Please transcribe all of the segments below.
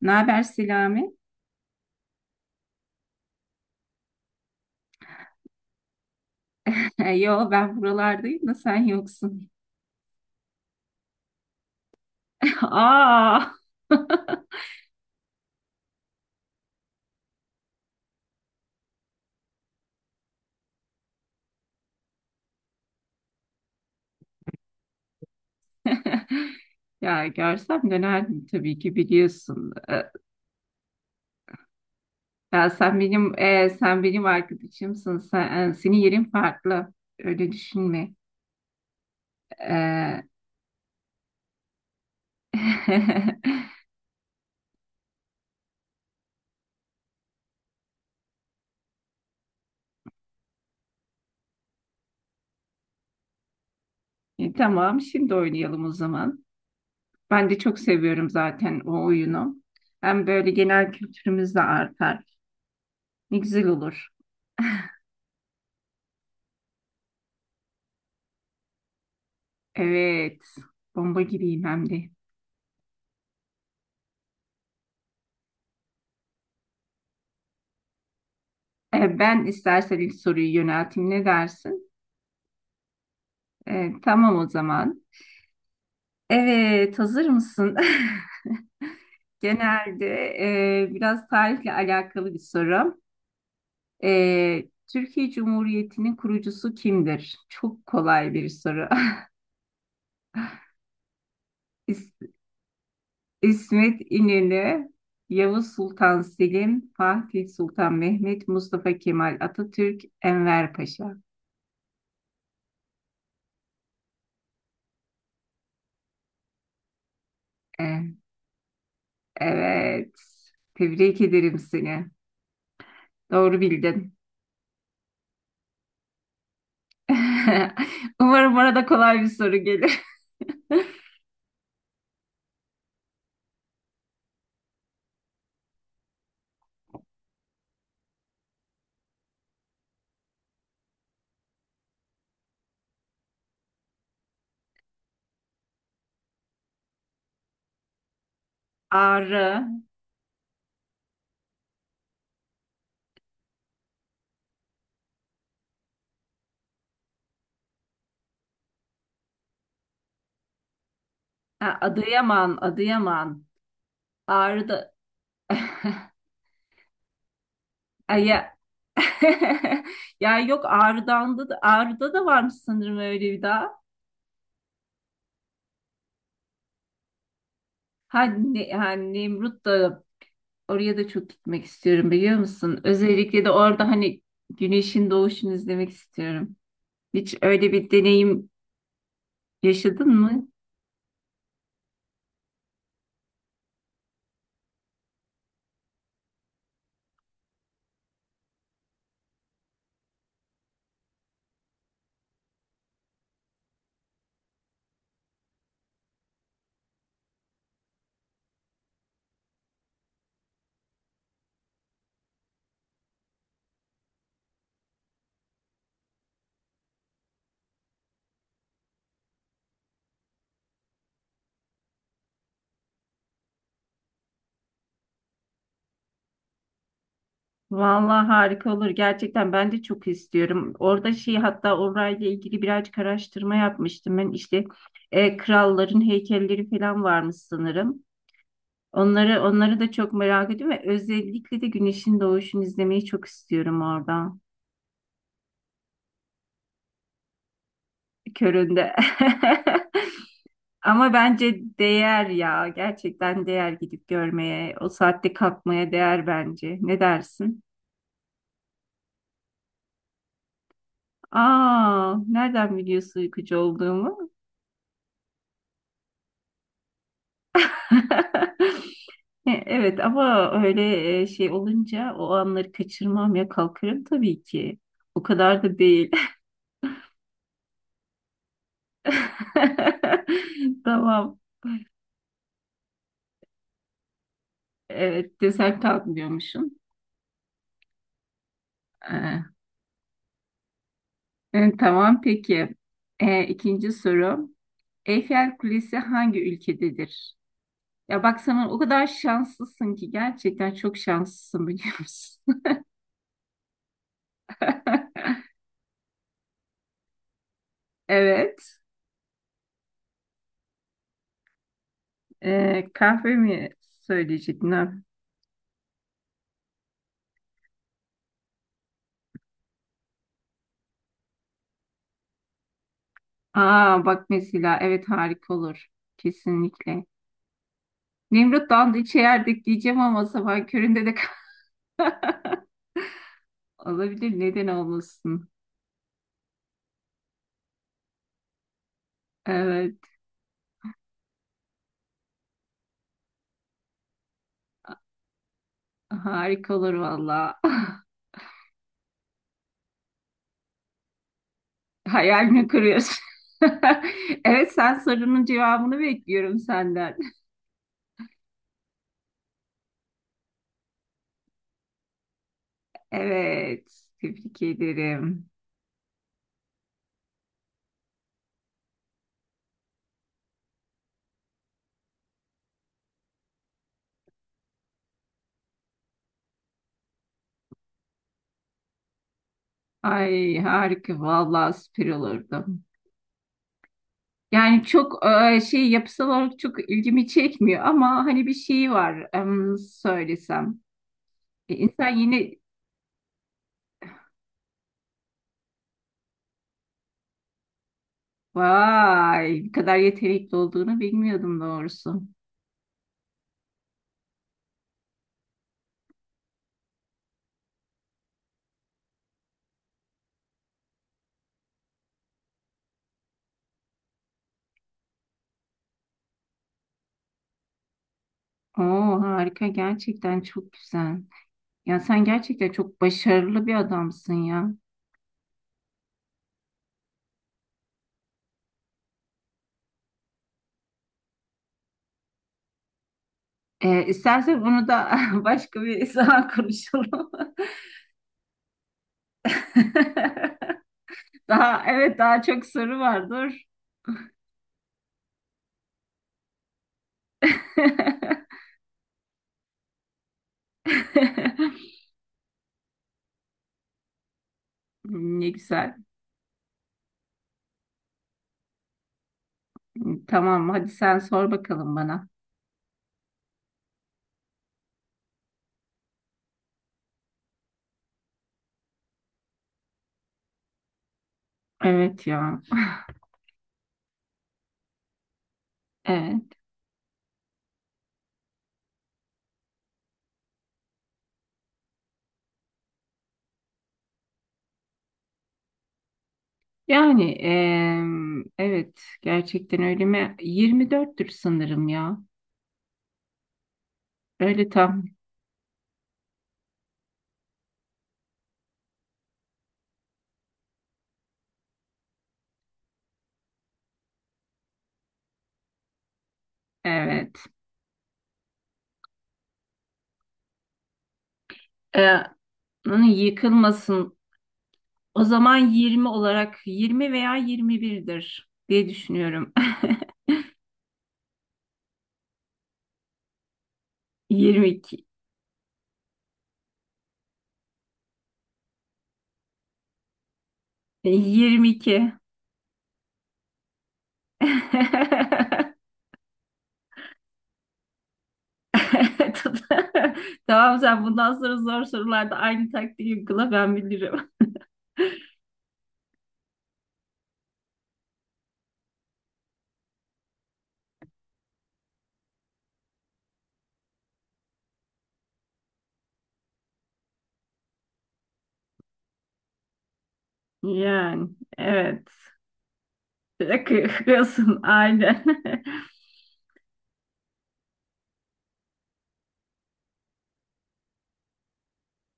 Ne haber Selami? Yo ben buralardayım da sen yoksun. Aa! Ya görsem dönerdim tabii ki biliyorsun. Ya sen benim arkadaşımsın. Senin yerin farklı. Öyle düşünme. Ee, tamam şimdi oynayalım o zaman. Ben de çok seviyorum zaten o oyunu. Hem böyle genel kültürümüz de artar. Ne güzel olur. Evet. Bomba gibiyim hem de. Ben istersen ilk soruyu yönelteyim. Ne dersin? Tamam o zaman. Evet, hazır mısın? Genelde biraz tarihle alakalı bir soru. E, Türkiye Cumhuriyeti'nin kurucusu kimdir? Çok kolay bir soru. İs- İsmet İnönü, Yavuz Sultan Selim, Fatih Sultan Mehmet, Mustafa Kemal Atatürk, Enver Paşa. E, evet, tebrik ederim seni. Doğru bildin. Umarım arada kolay bir soru gelir. Ağrı. Ha, Adıyaman, Adıyaman. Ağrı'da. Ay ya. Ya yok Ağrı'dan da Ağrı'da da varmış sanırım öyle bir daha. Hani Nemrut da oraya da çok gitmek istiyorum biliyor musun? Özellikle de orada hani güneşin doğuşunu izlemek istiyorum. Hiç öyle bir deneyim yaşadın mı? Vallahi harika olur. Gerçekten ben de çok istiyorum. Orada şey hatta orayla ilgili birazcık araştırma yapmıştım. Ben işte kralların heykelleri falan varmış sanırım. Onları da çok merak ediyorum ve özellikle de güneşin doğuşunu izlemeyi çok istiyorum orada. Köründe. Ama bence değer ya. Gerçekten değer gidip görmeye. O saatte kalkmaya değer bence. Ne dersin? Aa, nereden biliyorsun uykucu olduğumu? Evet ama öyle şey olunca o anları kaçırmam ya kalkarım tabii ki. O kadar da değil. Tamam. Evet desen kalkmıyormuşum. Ee, tamam peki. İkinci soru. Eyfel Kulesi hangi ülkededir? Ya bak sana o kadar şanslısın ki gerçekten çok şanslısın biliyor musun? Evet. Kahve mi söyleyecektin? Aa bak mesela evet harika olur. Kesinlikle. Nemrut Dağı'nda içerdik diyeceğim ama sabah köründe de olabilir. Neden olmasın? Evet harika olur valla. Hayal mi kuruyorsun? Evet sen sorunun cevabını bekliyorum senden. Evet tebrik ederim. Ay harika valla süper olurdu. Yani çok şey yapısal olarak çok ilgimi çekmiyor ama hani bir şey var söylesem. E, insan yeni vay bu kadar yetenekli olduğunu bilmiyordum doğrusu. Oo harika gerçekten çok güzel. Ya sen gerçekten çok başarılı bir adamsın ya. E, istersen bunu da başka bir zaman konuşalım. Daha evet daha çok soru vardır. Ne güzel. Tamam hadi sen sor bakalım bana. Evet ya. Evet. Yani, evet gerçekten öyle mi? 24'tür sanırım ya. Öyle tam. Evet. Ee, hani yıkılmasın. O zaman 20 olarak 20 veya 21'dir diye düşünüyorum. 22. 22. Tut- Tamam sen bundan sonra zor sorularda aynı taktiği uygula ben bilirim. Yani evet. Yakıyorsun aynen.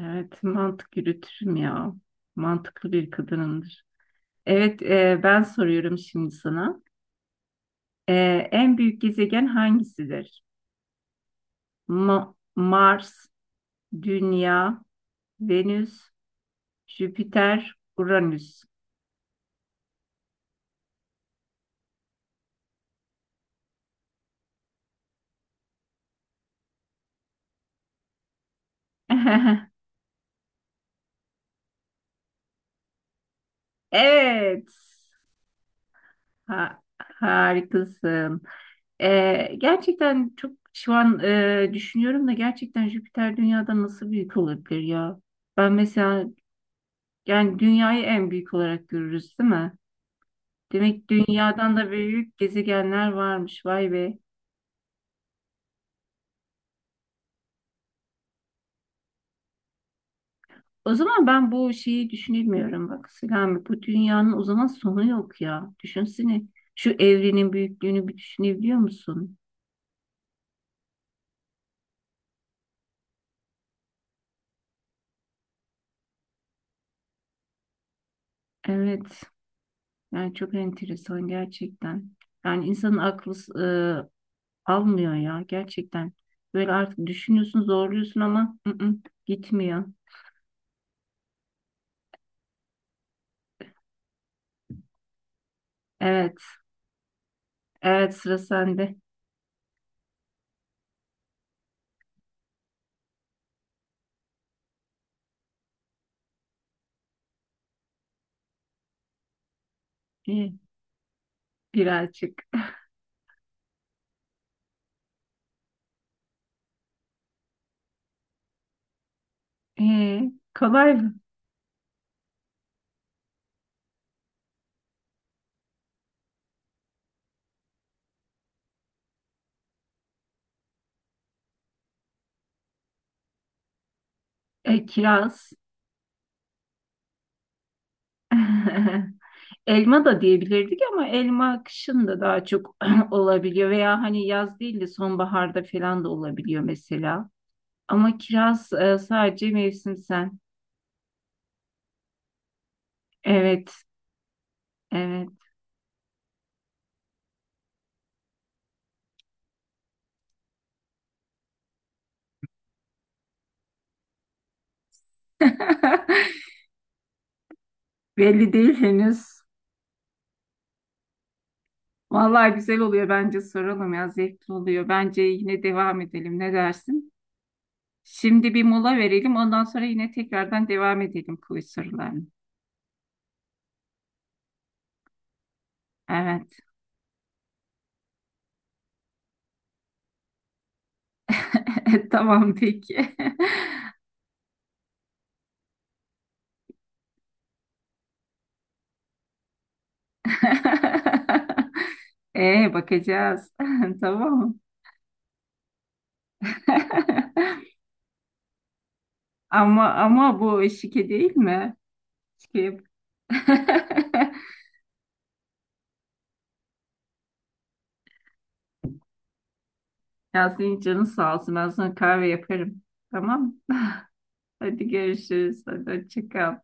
Evet, mantık yürütürüm ya. Mantıklı bir kadınımdır. Evet, ben soruyorum şimdi sana. E, en büyük gezegen hangisidir? Mars, Dünya, Venüs, Jüpiter, Uranüs. Evet, ha- harikasın. Gerçekten çok şu an düşünüyorum da gerçekten Jüpiter Dünya'dan nasıl büyük olabilir ya? Ben mesela yani dünyayı en büyük olarak görürüz, değil mi? Demek dünyadan da büyük gezegenler varmış. Vay be. O zaman ben bu şeyi düşünemiyorum bak Selami. Bu dünyanın o zaman sonu yok ya. Düşünsene. Şu evrenin büyüklüğünü bir düşünebiliyor musun? Evet. Yani çok enteresan gerçekten. Yani insanın aklı e, almıyor ya gerçekten. Böyle artık düşünüyorsun, zorluyorsun ama gitmiyor. Evet. Evet sıra sende. İyi. Birazcık. Ee, kolay mı? Kiraz. Elma da diyebilirdik ama elma kışın da daha çok olabiliyor veya hani yaz değil de sonbaharda falan da olabiliyor mesela. Ama kiraz sadece mevsimsel. Evet, evet. Belli değil henüz. Vallahi güzel oluyor bence soralım ya zevkli oluyor. Bence yine devam edelim ne dersin? Şimdi bir mola verelim ondan sonra yine tekrardan devam edelim kuyu sorularını. Evet. Tamam peki. Bakacağız. Tamam. Ama bu şike değil mi? Şike. Ya senin canın sağ olsun. Ben sana kahve yaparım. Tamam. Hadi görüşürüz. Hadi hoşça kal.